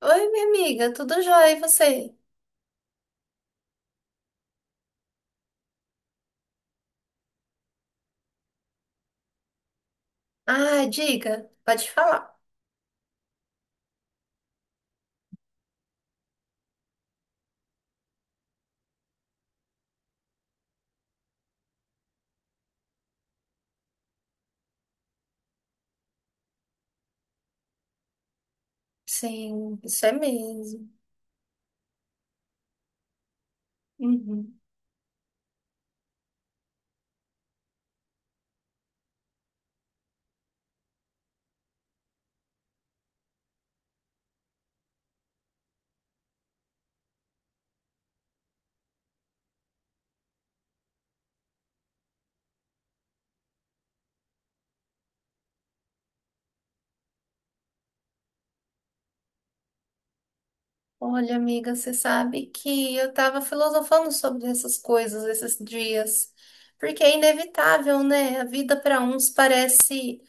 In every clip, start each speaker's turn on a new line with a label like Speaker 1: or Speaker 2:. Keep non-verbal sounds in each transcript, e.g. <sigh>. Speaker 1: Oi, minha amiga, tudo jóia, e você? Ah, diga, pode falar. Sim, isso é mesmo. Uhum. Olha, amiga, você sabe que eu tava filosofando sobre essas coisas esses dias, porque é inevitável, né? A vida para uns parece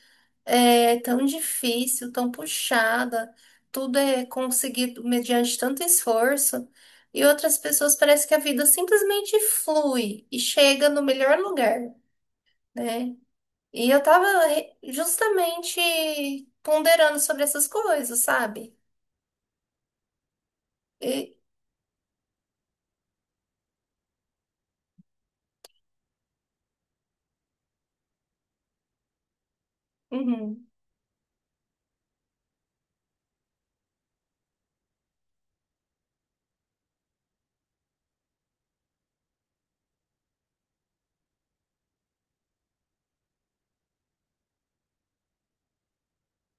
Speaker 1: tão difícil, tão puxada, tudo é conseguido mediante tanto esforço, e outras pessoas parece que a vida simplesmente flui e chega no melhor lugar, né? E eu tava justamente ponderando sobre essas coisas, sabe? E- uhum.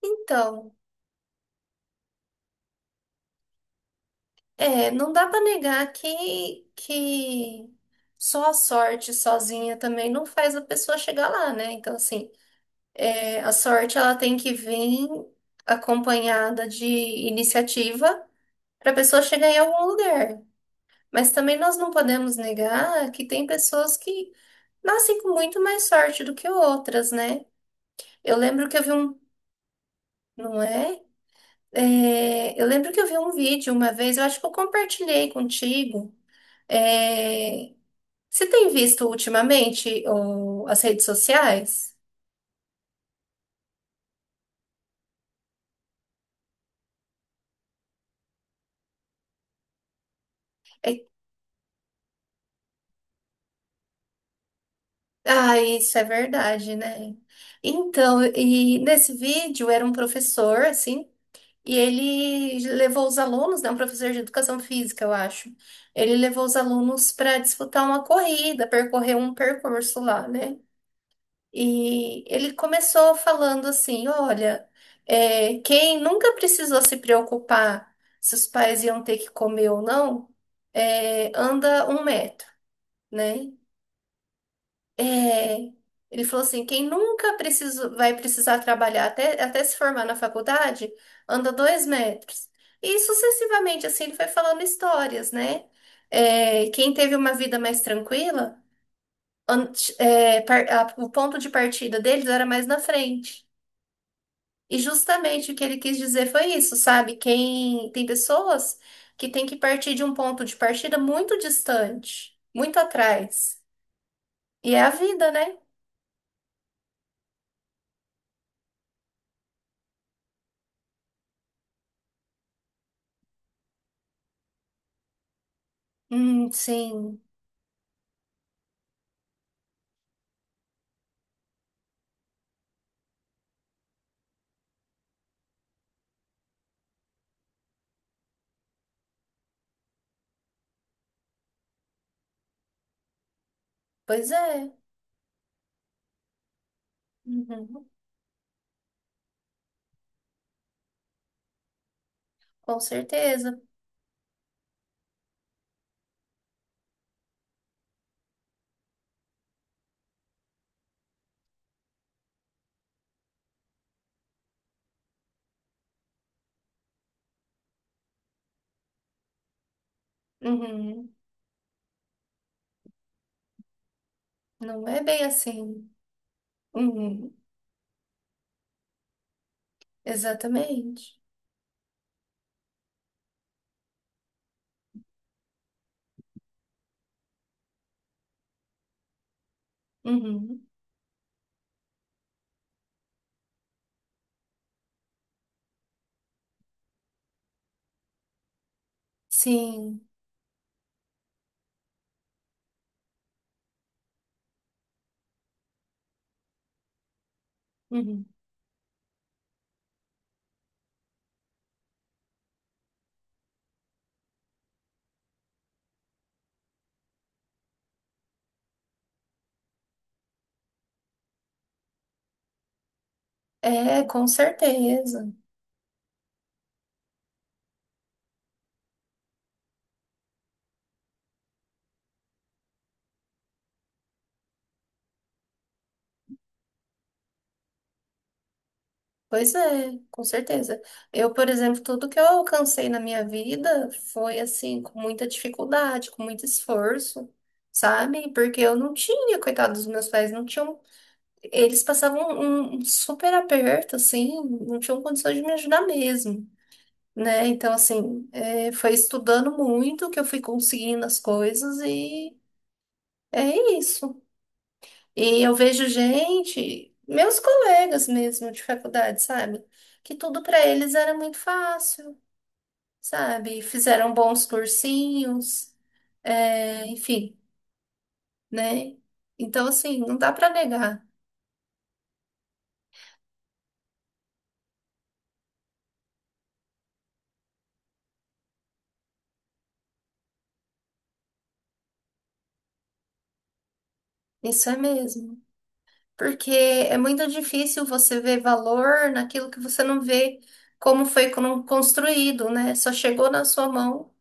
Speaker 1: Então, não dá pra negar que só a sorte sozinha também não faz a pessoa chegar lá, né? Então, assim, a sorte ela tem que vir acompanhada de iniciativa para a pessoa chegar em algum lugar. Mas também nós não podemos negar que tem pessoas que nascem com muito mais sorte do que outras, né? Eu lembro que eu vi um. Não é? É, eu lembro que eu vi um vídeo uma vez, eu acho que eu compartilhei contigo. É, você tem visto ultimamente as redes sociais? É- ah, isso é verdade, né? Então, e nesse vídeo era um professor, assim, e ele levou os alunos, né? Um professor de educação física, eu acho. Ele levou os alunos para disputar uma corrida, percorrer um percurso lá, né? E ele começou falando assim: olha, quem nunca precisou se preocupar se os pais iam ter que comer ou não, anda um metro, né? É, ele falou assim: quem nunca precisou, vai precisar trabalhar até se formar na faculdade, anda dois metros. E sucessivamente, assim, ele foi falando histórias, né? É, quem teve uma vida mais tranquila, o ponto de partida deles era mais na frente. E justamente o que ele quis dizer foi isso, sabe? Quem tem pessoas que têm que partir de um ponto de partida muito distante, muito atrás. E é a vida, né? Sim, pois é. Uhum, com certeza. Uhum, não é bem assim. Uhum, exatamente. Uhum, sim. Uhum. É, com certeza. Pois é, com certeza. Eu, por exemplo, tudo que eu alcancei na minha vida foi assim, com muita dificuldade, com muito esforço, sabe? Porque eu não tinha, coitado dos meus pais, não tinham. Eles passavam um super aperto, assim, não tinham condições de me ajudar mesmo, né? Então, assim, é, foi estudando muito que eu fui conseguindo as coisas e é isso. E eu vejo gente, meus colegas mesmo de faculdade, sabe? Que tudo pra eles era muito fácil, sabe? Fizeram bons cursinhos, é, enfim, né? Então, assim, não dá pra negar. Isso é mesmo. Porque é muito difícil você ver valor naquilo que você não vê como foi construído, né? Só chegou na sua mão.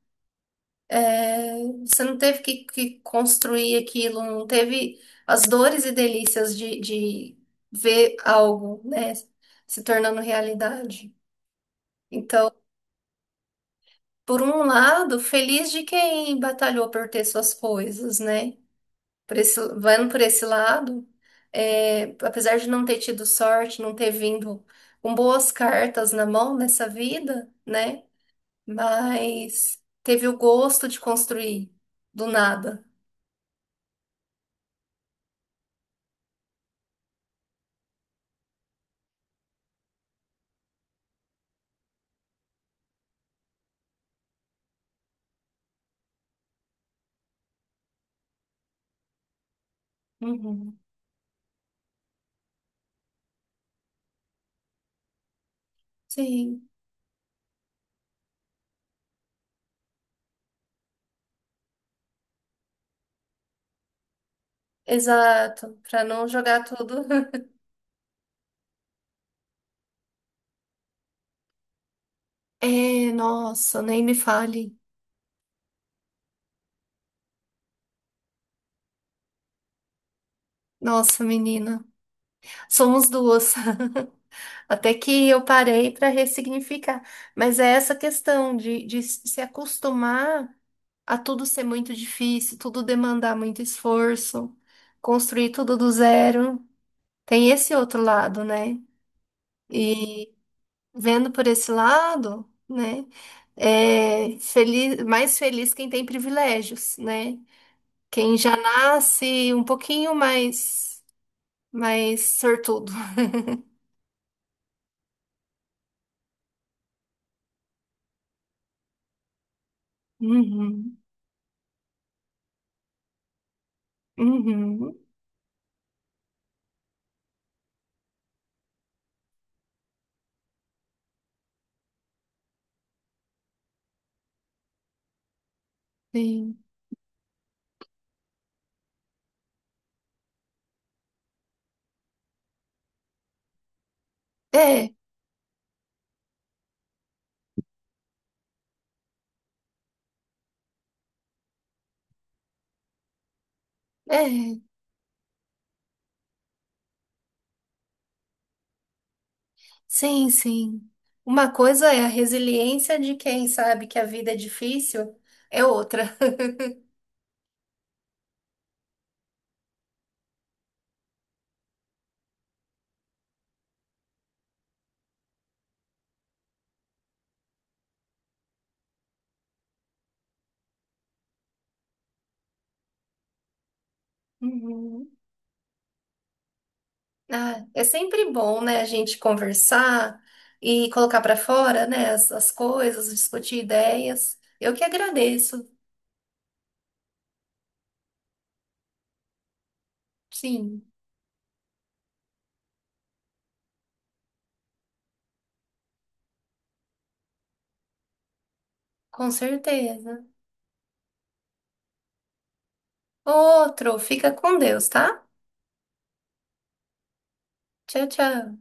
Speaker 1: É, você não teve que construir aquilo, não teve as dores e delícias de ver algo, né, se tornando realidade. Então, por um lado, feliz de quem batalhou por ter suas coisas, né? Por esse, vendo por esse lado, é, apesar de não ter tido sorte, não ter vindo com boas cartas na mão nessa vida, né? Mas teve o gosto de construir do nada. Uhum. Sim, exato, para não jogar tudo. <laughs> É, nossa, nem me fale. Nossa, menina, somos duas. <laughs> Até que eu parei para ressignificar. Mas é essa questão de se acostumar a tudo ser muito difícil, tudo demandar muito esforço, construir tudo do zero. Tem esse outro lado, né? E vendo por esse lado, né? É feliz, mais feliz quem tem privilégios, né? Quem já nasce um pouquinho mais sortudo. <laughs> Uhum, uhum, sim. É, é, sim, sim. Uma coisa é a resiliência de quem sabe que a vida é difícil, é outra. <laughs> Uhum. Ah, é sempre bom, né, a gente conversar e colocar para fora, né, as coisas, discutir ideias. Eu que agradeço, sim, com certeza. Outro, fica com Deus, tá? Tchau, tchau.